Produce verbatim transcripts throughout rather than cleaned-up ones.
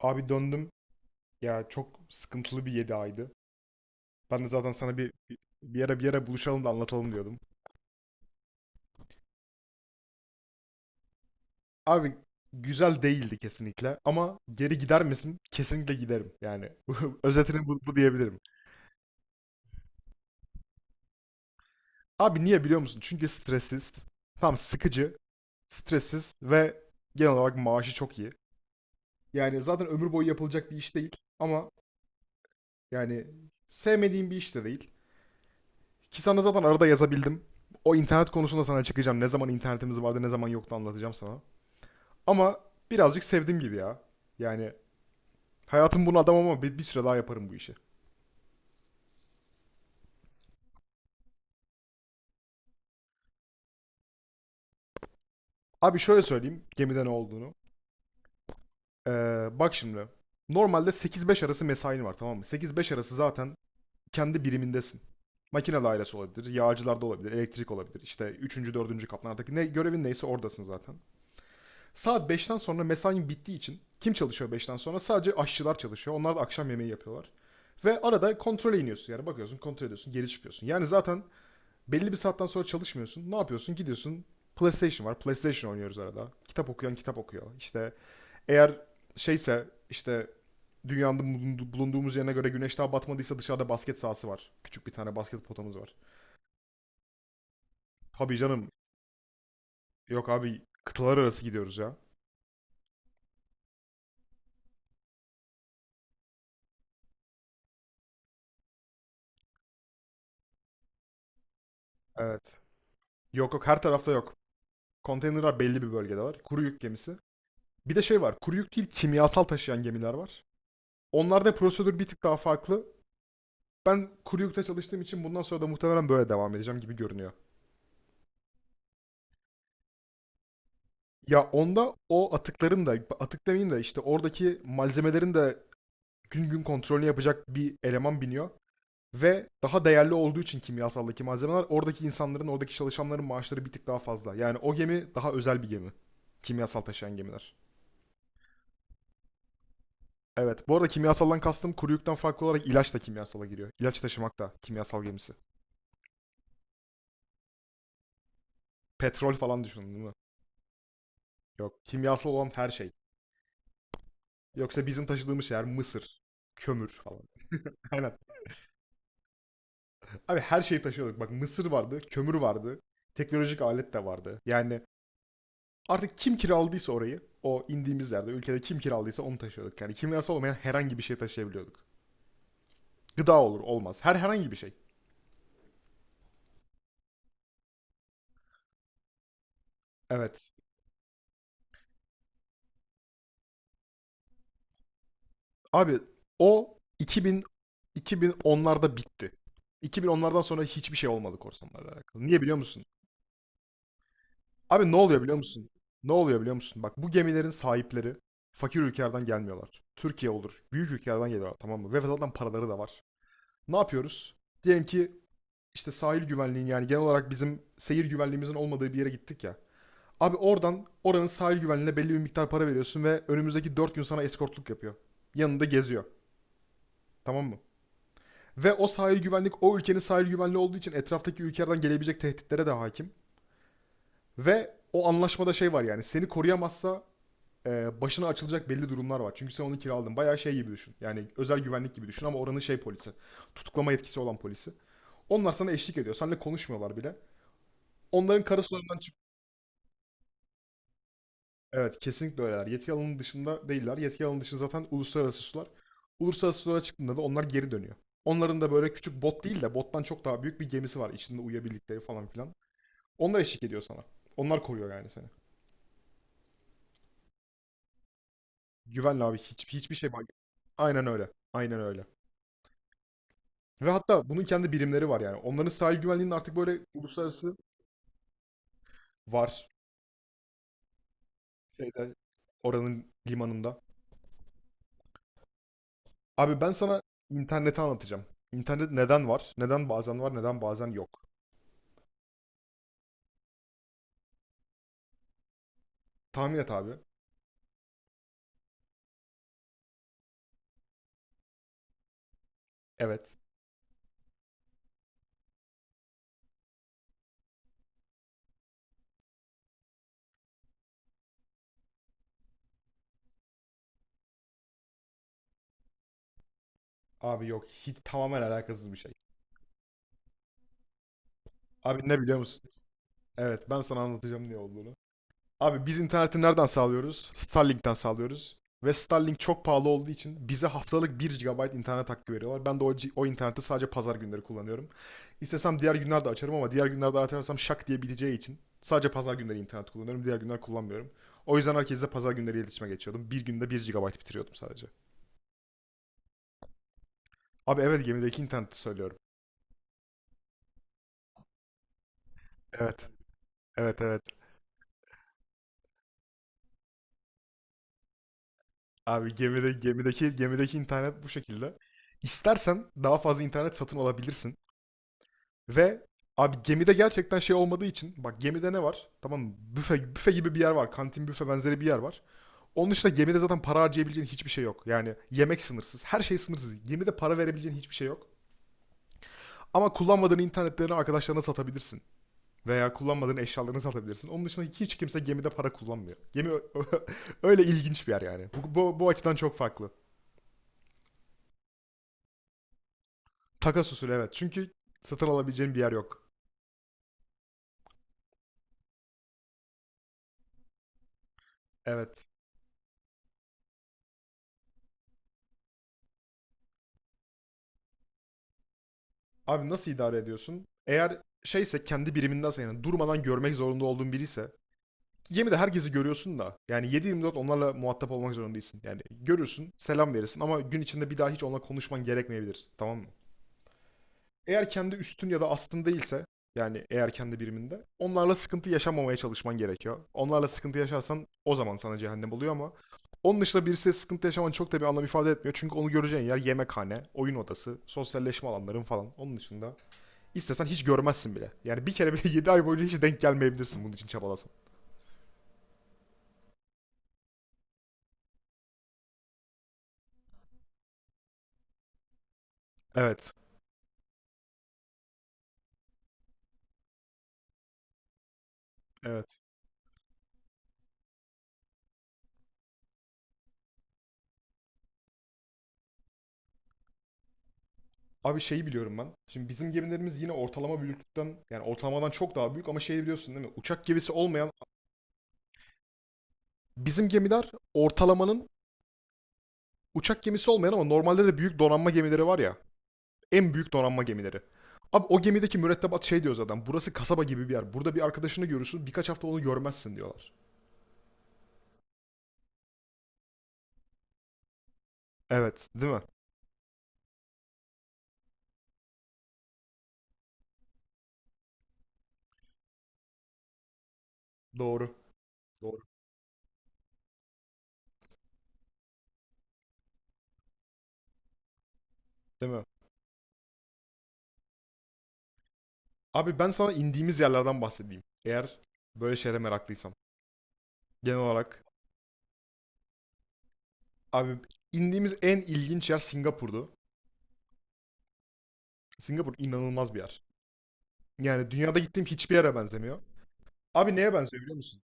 Abi döndüm. Ya çok sıkıntılı bir yedi aydı. Ben de zaten sana bir bir ara bir ara buluşalım da anlatalım diyordum. Abi güzel değildi kesinlikle ama geri gider misin? Kesinlikle giderim. Yani özetini bu, bu diyebilirim. Abi niye biliyor musun? Çünkü stressiz, tam sıkıcı, stressiz ve genel olarak maaşı çok iyi. Yani zaten ömür boyu yapılacak bir iş değil ama yani sevmediğim bir iş de değil. Ki sana zaten arada yazabildim. O internet konusunda sana çıkacağım. Ne zaman internetimiz vardı, ne zaman yoktu anlatacağım sana. Ama birazcık sevdim gibi ya. Yani hayatım bunu adam ama bir, bir süre daha yaparım bu işi. Abi şöyle söyleyeyim gemide ne olduğunu. Ee, Bak şimdi. Normalde sekiz beş arası mesain var tamam mı? sekiz beş arası zaten kendi birimindesin. Makine dairesi olabilir, yağcılarda olabilir, elektrik olabilir. İşte üçüncü dördüncü kaplardaki ne görevin neyse oradasın zaten. Saat beşten sonra mesain bittiği için kim çalışıyor beşten sonra? Sadece aşçılar çalışıyor. Onlar da akşam yemeği yapıyorlar. Ve arada kontrole iniyorsun yani bakıyorsun kontrol ediyorsun geri çıkıyorsun. Yani zaten belli bir saatten sonra çalışmıyorsun. Ne yapıyorsun? Gidiyorsun. PlayStation var. PlayStation oynuyoruz arada. Kitap okuyan kitap okuyor. İşte eğer şeyse işte dünyanın bulundu- bulunduğumuz yerine göre güneş daha batmadıysa dışarıda basket sahası var. Küçük bir tane basket potamız var. Tabii canım. Yok abi kıtalar arası gidiyoruz ya. Evet. Yok yok, her tarafta yok. Konteynerler belli bir bölgede var. Kuru yük gemisi. Bir de şey var. Kuru yük değil, kimyasal taşıyan gemiler var. Onlarda prosedür bir tık daha farklı. Ben kuru yükte çalıştığım için bundan sonra da muhtemelen böyle devam edeceğim gibi görünüyor. Ya onda o atıkların da, atık demeyeyim de işte oradaki malzemelerin de gün gün kontrolünü yapacak bir eleman biniyor. Ve daha değerli olduğu için kimyasaldaki malzemeler, oradaki insanların, oradaki çalışanların maaşları bir tık daha fazla. Yani o gemi daha özel bir gemi. Kimyasal taşıyan gemiler. Evet. Bu arada kimyasaldan kastım, kuru yükten farklı olarak ilaç da kimyasala giriyor. İlaç taşımak da kimyasal gemisi. Petrol falan düşünün değil mi? Yok. Kimyasal olan her şey. Yoksa bizim taşıdığımız şeyler mısır, kömür falan. Aynen. Abi her şeyi taşıyorduk. Bak, mısır vardı, kömür vardı, teknolojik alet de vardı. Yani artık kim kiraladıysa orayı, o indiğimiz yerde, ülkede kim kiraladıysa onu taşıyorduk. Yani kimyasal olmayan herhangi bir şey taşıyabiliyorduk. Gıda olur, olmaz. Her herhangi bir şey. Evet. Abi o iki bin iki bin onlarda bitti. iki bin onlardan sonra hiçbir şey olmadı korsanlarla alakalı. Niye biliyor musun? Abi ne oluyor biliyor musun? Ne oluyor biliyor musun? Bak, bu gemilerin sahipleri fakir ülkelerden gelmiyorlar. Türkiye olur. Büyük ülkelerden geliyorlar tamam mı? Ve zaten paraları da var. Ne yapıyoruz? Diyelim ki işte sahil güvenliğin, yani genel olarak bizim seyir güvenliğimizin olmadığı bir yere gittik ya. Abi oradan, oranın sahil güvenliğine belli bir miktar para veriyorsun ve önümüzdeki dört gün sana eskortluk yapıyor. Yanında geziyor. Tamam mı? Ve o sahil güvenlik, o ülkenin sahil güvenliği olduğu için etraftaki ülkelerden gelebilecek tehditlere de hakim. Ve o anlaşmada şey var, yani seni koruyamazsa e, başına açılacak belli durumlar var. Çünkü sen onu kiraladın. Bayağı şey gibi düşün. Yani özel güvenlik gibi düşün ama oranın şey polisi. Tutuklama yetkisi olan polisi. Onlar sana eşlik ediyor. Seninle konuşmuyorlar bile. Onların kara sularından çık. Evet, kesinlikle öyleler. Yetki alanının dışında değiller. Yetki alanının dışında zaten uluslararası sular. Uluslararası sulara çıktığında da onlar geri dönüyor. Onların da böyle küçük bot değil de bottan çok daha büyük bir gemisi var, İçinde uyuyabildikleri falan filan. Onlar eşlik ediyor sana. Onlar koruyor yani seni. Güvenli abi, hiç, hiçbir şey bak. Aynen öyle. Aynen öyle. Ve hatta bunun kendi birimleri var yani. Onların sahil güvenliğinin artık böyle uluslararası var, şeyde, oranın limanında. Abi ben sana interneti anlatacağım. İnternet neden var? Neden bazen var, neden bazen yok? Tahmin et abi. Evet. Abi yok. Hiç, tamamen alakasız bir şey. Abi ne biliyor musun? Evet, ben sana anlatacağım ne olduğunu. Abi biz interneti nereden sağlıyoruz? Starlink'ten sağlıyoruz. Ve Starlink çok pahalı olduğu için bize haftalık bir gigabayt internet hakkı veriyorlar. Ben de o, ci- o interneti sadece pazar günleri kullanıyorum. İstesem diğer günlerde açarım ama diğer günlerde açarsam şak diye biteceği için sadece pazar günleri internet kullanıyorum. Diğer günler kullanmıyorum. O yüzden herkesle pazar günleri iletişime geçiyordum. Bir günde bir gigabayt bitiriyordum sadece. Abi evet, gemideki interneti söylüyorum. Evet. Evet, evet. Abi gemide, gemideki gemideki internet bu şekilde. İstersen daha fazla internet satın alabilirsin. Ve abi gemide gerçekten şey olmadığı için, bak gemide ne var? Tamam mı? Büfe, büfe gibi bir yer var. Kantin, büfe benzeri bir yer var. Onun dışında gemide zaten para harcayabileceğin hiçbir şey yok. Yani yemek sınırsız, her şey sınırsız. Gemide para verebileceğin hiçbir şey yok. Ama kullanmadığın internetlerini arkadaşlarına satabilirsin. Veya kullanmadığın eşyalarını satabilirsin. Onun dışında hiç kimse gemide para kullanmıyor. Gemi öyle ilginç bir yer yani. Bu, bu, bu açıdan çok farklı. Takas usulü, evet. Çünkü satın alabileceğin bir yer yok. Evet. Abi nasıl idare ediyorsun? Eğer şeyse, kendi birimindense, yani durmadan görmek zorunda olduğun biriyse, gemide herkesi görüyorsun da yani yedi yirmi dört onlarla muhatap olmak zorunda değilsin. Yani görürsün, selam verirsin ama gün içinde bir daha hiç onunla konuşman gerekmeyebilir. Tamam mı? Eğer kendi üstün ya da astın değilse, yani eğer kendi biriminde onlarla sıkıntı yaşamamaya çalışman gerekiyor. Onlarla sıkıntı yaşarsan o zaman sana cehennem oluyor ama onun dışında birisiyle sıkıntı yaşaman çok da bir anlam ifade etmiyor. Çünkü onu göreceğin yer yemekhane, oyun odası, sosyalleşme alanların falan. Onun dışında İstesen hiç görmezsin bile. Yani bir kere bile yedi ay boyunca hiç denk gelmeyebilirsin bunun için çabalasan. Evet. Evet. Abi şeyi biliyorum ben. Şimdi bizim gemilerimiz yine ortalama büyüklükten, yani ortalamadan çok daha büyük, ama şeyi biliyorsun değil mi? Uçak gemisi olmayan bizim gemiler ortalamanın, uçak gemisi olmayan ama normalde de büyük donanma gemileri var ya. En büyük donanma gemileri. Abi o gemideki mürettebat şey diyor zaten. Burası kasaba gibi bir yer. Burada bir arkadaşını görürsün. Birkaç hafta onu görmezsin diyorlar. Evet, değil mi? Doğru. Doğru. Değil mi? Abi ben sana indiğimiz yerlerden bahsedeyim. Eğer böyle şeylere meraklıysan. Genel olarak. Abi indiğimiz en ilginç yer Singapur'du. Singapur inanılmaz bir yer. Yani dünyada gittiğim hiçbir yere benzemiyor. Abi neye benziyor biliyor musun?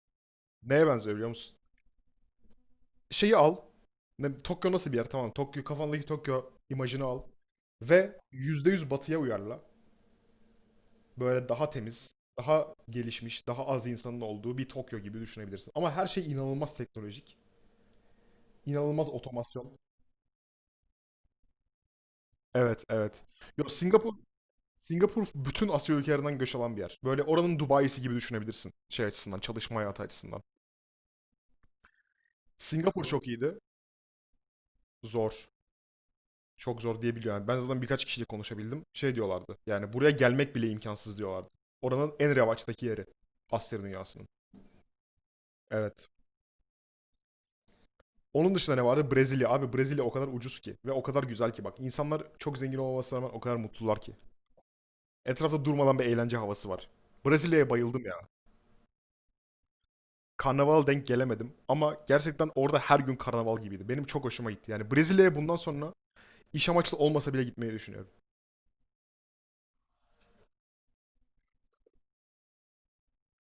Neye benziyor biliyor musun? Şeyi al. Ne, Tokyo nasıl bir yer? Tamam. Tokyo, kafandaki Tokyo imajını al. Ve yüzde yüz batıya uyarla. Böyle daha temiz, daha gelişmiş, daha az insanın olduğu bir Tokyo gibi düşünebilirsin. Ama her şey inanılmaz teknolojik. İnanılmaz otomasyon. Evet, evet. Yok, Singapur, Singapur bütün Asya ülkelerinden göç alan bir yer. Böyle oranın Dubai'si gibi düşünebilirsin. Şey açısından, çalışma hayatı açısından. Singapur çok iyiydi. Zor. Çok zor diyebiliyorum. Yani ben zaten birkaç kişiyle konuşabildim. Şey diyorlardı. Yani buraya gelmek bile imkansız diyorlardı. Oranın en revaçtaki yeri. Asya dünyasının. Evet. Onun dışında ne vardı? Brezilya. Abi Brezilya o kadar ucuz ki ve o kadar güzel ki bak. İnsanlar çok zengin olmamasına rağmen o kadar mutlular ki. Etrafta durmadan bir eğlence havası var. Brezilya'ya bayıldım ya. Karnaval denk gelemedim. Ama gerçekten orada her gün karnaval gibiydi. Benim çok hoşuma gitti. Yani Brezilya'ya bundan sonra iş amaçlı olmasa bile gitmeyi düşünüyorum.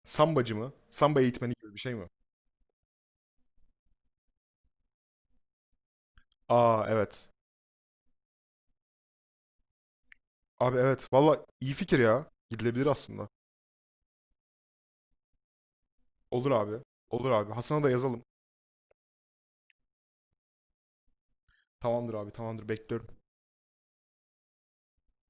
Sambacı mı? Samba eğitmeni gibi bir şey mi? Aa, evet. Abi evet. Valla iyi fikir ya. Gidilebilir aslında. Olur abi. Olur abi. Hasan'a da yazalım. Tamamdır abi. Tamamdır. Bekliyorum.